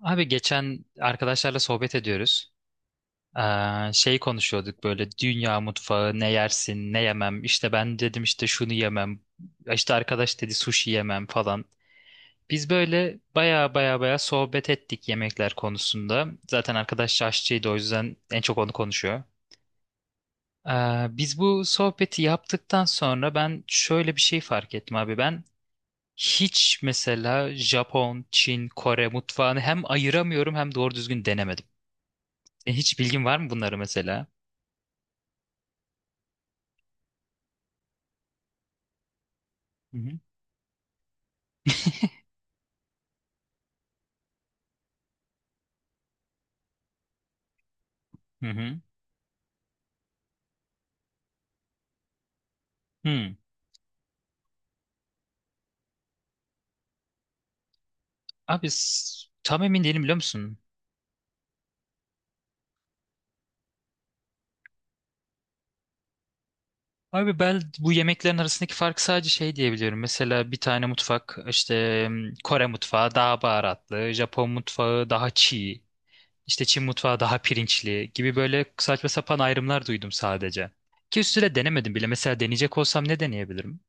Abi geçen arkadaşlarla sohbet ediyoruz. Şey konuşuyorduk böyle dünya mutfağı ne yersin ne yemem. İşte ben dedim işte şunu yemem. İşte arkadaş dedi sushi yemem falan. Biz böyle baya baya baya sohbet ettik yemekler konusunda. Zaten arkadaş aşçıydı o yüzden en çok onu konuşuyor. Biz bu sohbeti yaptıktan sonra ben şöyle bir şey fark ettim abi. Ben hiç mesela Japon, Çin, Kore mutfağını hem ayıramıyorum hem doğru düzgün denemedim. Hiç bilgin var mı bunları mesela? Hı hı. Hı hı. Hı. Abi tam emin değilim biliyor musun? Abi ben bu yemeklerin arasındaki farkı sadece şey diyebiliyorum. Mesela bir tane mutfak işte Kore mutfağı daha baharatlı, Japon mutfağı daha çiğ, işte Çin mutfağı daha pirinçli gibi böyle saçma sapan ayrımlar duydum sadece. Ki üstüne denemedim bile. Mesela deneyecek olsam ne deneyebilirim?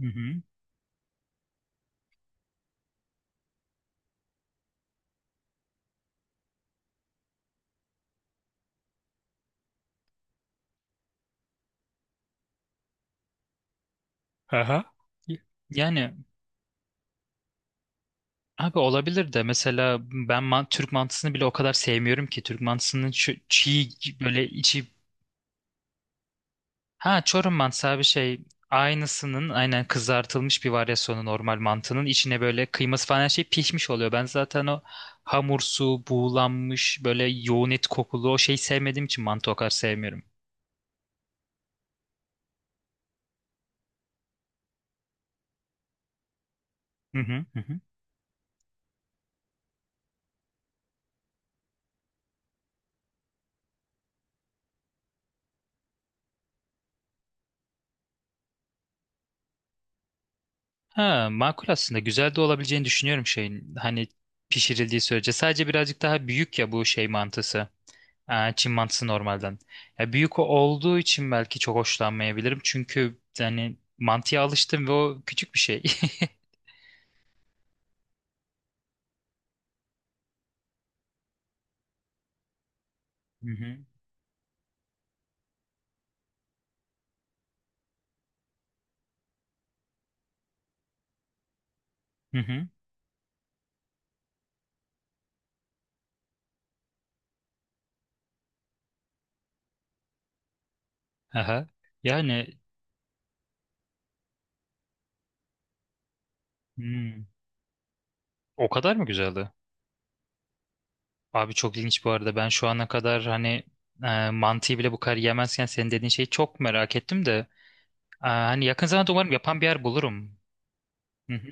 Hı hı. Aha. Yani abi olabilir de mesela ben Türk mantısını bile o kadar sevmiyorum ki. Türk mantısının şu çiğ böyle içi... Ha Çorum mantısı abi şey aynısının aynen kızartılmış bir varyasyonu normal mantının içine böyle kıyması falan her şey pişmiş oluyor. Ben zaten o hamursu, buğulanmış böyle yoğun et kokulu o şeyi sevmediğim için mantı o kadar sevmiyorum. Hı hı hı. Hı. Ha makul aslında güzel de olabileceğini düşünüyorum şeyin. Hani pişirildiği sürece sadece birazcık daha büyük ya bu şey mantısı. Ha, Çin mantısı normalden. Ya büyük olduğu için belki çok hoşlanmayabilirim. Çünkü yani mantıya alıştım ve o küçük bir şey. Hı hı. Hı hı. Aha. Yani hmm, o kadar mı güzeldi? Abi çok ilginç bu arada. Ben şu ana kadar hani mantıyı bile bu kadar yemezken senin dediğin şeyi çok merak ettim de hani yakın zamanda umarım yapan bir yer bulurum. Hı hı.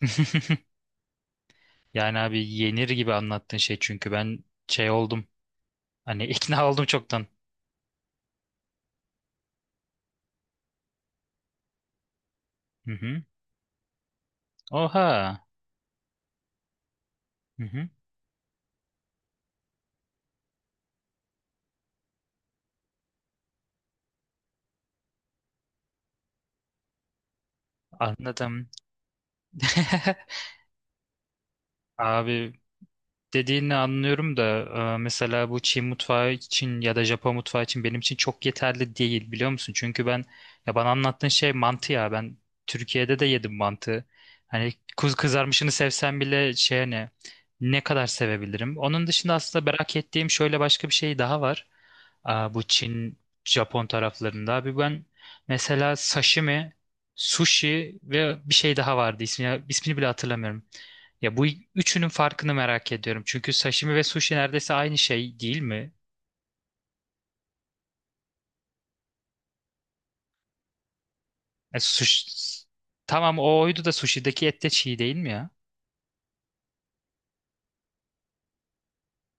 Yani abi yenir gibi anlattığın şey çünkü ben şey oldum. Hani ikna oldum çoktan. Hı hı. Oha. Hı hı. Anladım. Abi dediğini anlıyorum da mesela bu Çin mutfağı için ya da Japon mutfağı için benim için çok yeterli değil biliyor musun? Çünkü ben ya bana anlattığın şey mantı ya ben Türkiye'de de yedim mantı. Hani kızarmışını sevsem bile şey hani ne kadar sevebilirim? Onun dışında aslında merak ettiğim şöyle başka bir şey daha var. Aa, bu Çin, Japon taraflarında. Abi ben mesela sashimi, sushi ve bir şey daha vardı ismi, ismini bile hatırlamıyorum. Ya bu üçünün farkını merak ediyorum. Çünkü sashimi ve sushi neredeyse aynı şey değil mi? Sushi... Tamam o oydu da sushi'deki et de çiğ değil mi ya?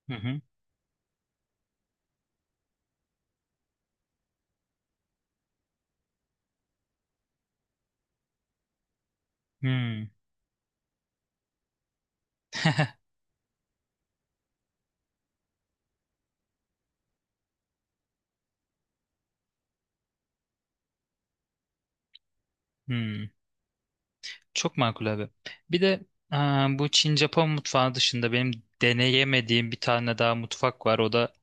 Hı hı. Hmm, hmm. Çok makul abi. Bir de bu Çin-Japon mutfağı dışında benim deneyemediğim bir tane daha mutfak var. O da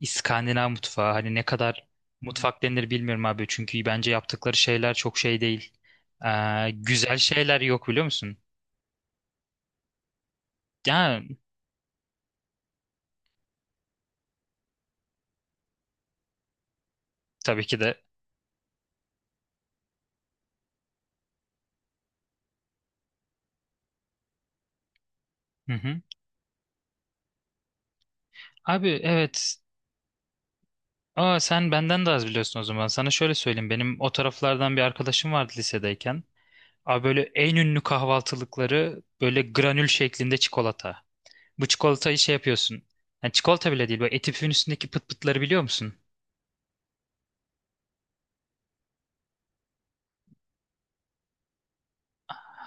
İskandinav mutfağı. Hani ne kadar mutfak denir bilmiyorum abi. Çünkü bence yaptıkları şeyler çok şey değil. Aa, güzel şeyler yok biliyor musun? Ya tabii ki de. Hı hı. Abi evet. Aa, sen benden de az biliyorsun o zaman. Sana şöyle söyleyeyim. Benim o taraflardan bir arkadaşım vardı lisedeyken. Abi böyle en ünlü kahvaltılıkları böyle granül şeklinde çikolata. Bu çikolatayı şey yapıyorsun. Yani çikolata bile değil. Böyle eti püfün üstündeki pıt pıtları biliyor musun?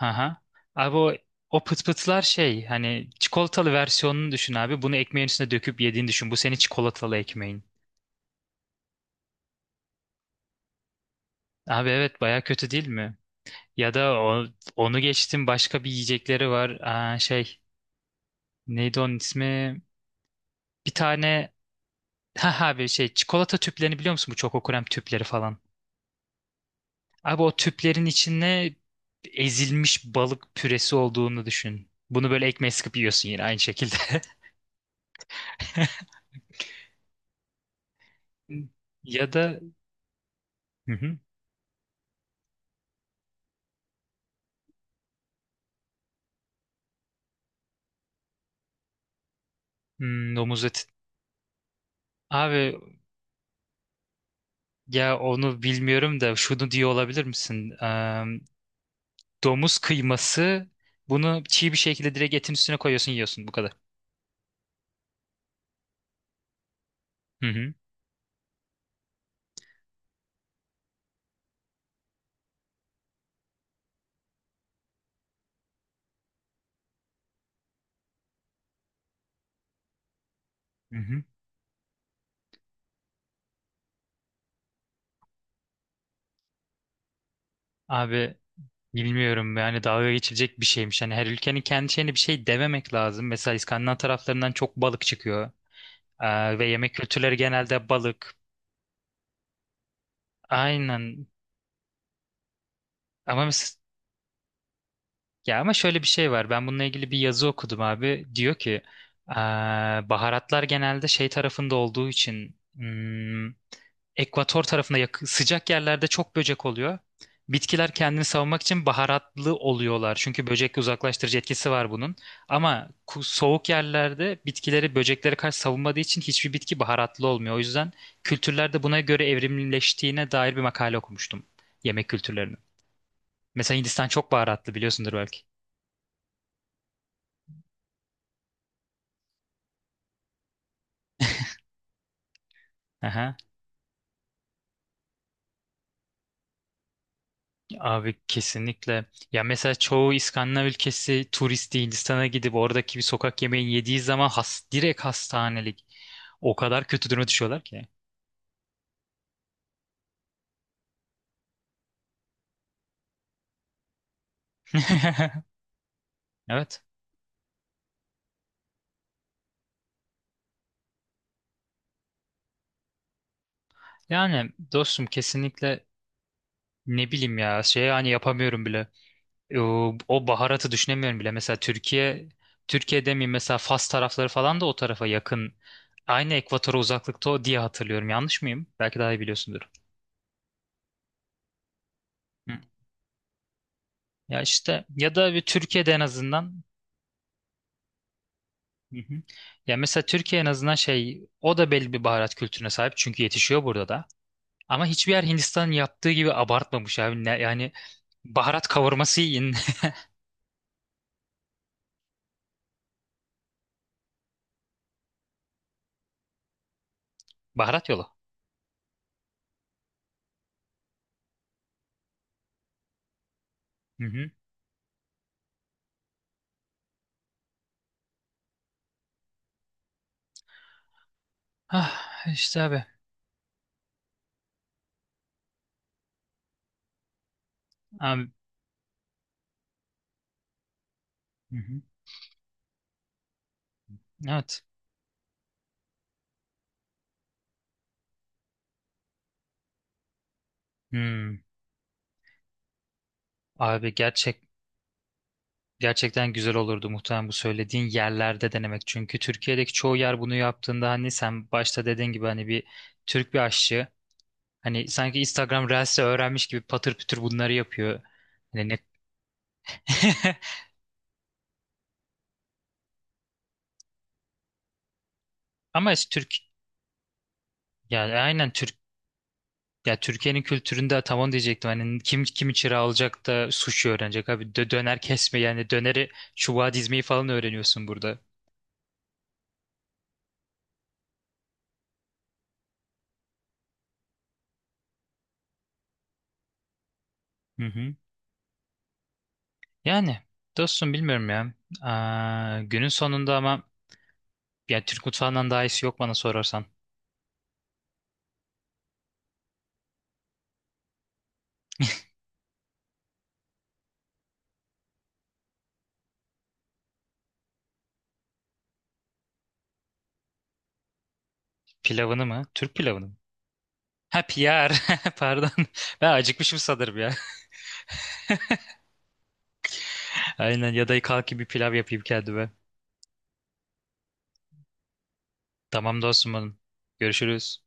Aha. Abi o pıt pıtlar şey hani çikolatalı versiyonunu düşün abi. Bunu ekmeğin üstüne döküp yediğini düşün. Bu senin çikolatalı ekmeğin. Abi evet baya kötü değil mi? Ya da onu geçtim başka bir yiyecekleri var. Aa, şey. Neydi onun ismi? Bir tane ha bir şey çikolata tüplerini biliyor musun? Bu Choco krem tüpleri falan. Abi o tüplerin içinde ezilmiş balık püresi olduğunu düşün. Bunu böyle ekmeğe sıkıp yiyorsun yine aynı şekilde. Ya da hı hı. Hmm, domuz eti. Abi ya onu bilmiyorum da şunu diyor olabilir misin? Domuz kıyması bunu çiğ bir şekilde direkt etin üstüne koyuyorsun yiyorsun bu kadar. Hı hı. Hı hı. Abi bilmiyorum yani dalga geçilecek bir şeymiş. Hani her ülkenin kendi şeyine bir şey dememek lazım. Mesela İskandinav taraflarından çok balık çıkıyor. Ve yemek kültürleri genelde balık. Aynen. Ama mesela ya ama şöyle bir şey var. Ben bununla ilgili bir yazı okudum abi. Diyor ki "Aa, baharatlar genelde şey tarafında olduğu için ekvator tarafında sıcak yerlerde çok böcek oluyor. Bitkiler kendini savunmak için baharatlı oluyorlar. Çünkü böcek uzaklaştırıcı etkisi var bunun. Ama soğuk yerlerde bitkileri böceklere karşı savunmadığı için hiçbir bitki baharatlı olmuyor." O yüzden kültürlerde buna göre evrimleştiğine dair bir makale okumuştum. Yemek kültürlerinin. Mesela Hindistan çok baharatlı biliyorsundur belki. Aha. Abi kesinlikle. Ya mesela çoğu İskandinav ülkesi turisti Hindistan'a gidip oradaki bir sokak yemeği yediği zaman direkt hastanelik. O kadar kötü duruma düşüyorlar ki. Evet. Yani dostum kesinlikle ne bileyim ya şey hani yapamıyorum bile. O baharatı düşünemiyorum bile. Mesela Türkiye'de mi mesela Fas tarafları falan da o tarafa yakın. Aynı ekvatora uzaklıkta o diye hatırlıyorum. Yanlış mıyım? Belki daha iyi biliyorsundur. Hı. Ya işte ya da bir Türkiye'de en azından... Hı hı. Ya mesela Türkiye en azından şey o da belli bir baharat kültürüne sahip çünkü yetişiyor burada da. Ama hiçbir yer Hindistan'ın yaptığı gibi abartmamış abi. Yani baharat kavurması yiyin. Baharat yolu. Hı hı. Ah, işte abi. Abi. Hı hı. Evet. Hmm. Abi gerçekten güzel olurdu muhtemelen bu söylediğin yerlerde denemek. Çünkü Türkiye'deki çoğu yer bunu yaptığında hani sen başta dediğin gibi hani bir Türk bir aşçı hani sanki Instagram Reels'i öğrenmiş gibi patır pütür bunları yapıyor. Hani ne Ama Türk yani aynen Türk ya Türkiye'nin kültüründe tam onu diyecektim. Hani kim çırağı alacak da sushi öğrenecek abi. Döner kesme yani döneri çubuğa dizmeyi falan öğreniyorsun burada. Hı hı. Yani dostum bilmiyorum ya. Aa, günün sonunda ama ya Türk mutfağından daha iyisi yok bana sorarsan. Pilavını mı? Türk pilavını mı? Ha piyar. Pardon. Ben acıkmışım sanırım ya. Aynen ya da kalkayım bir pilav yapayım kendime. Tamam dostum benim. Görüşürüz.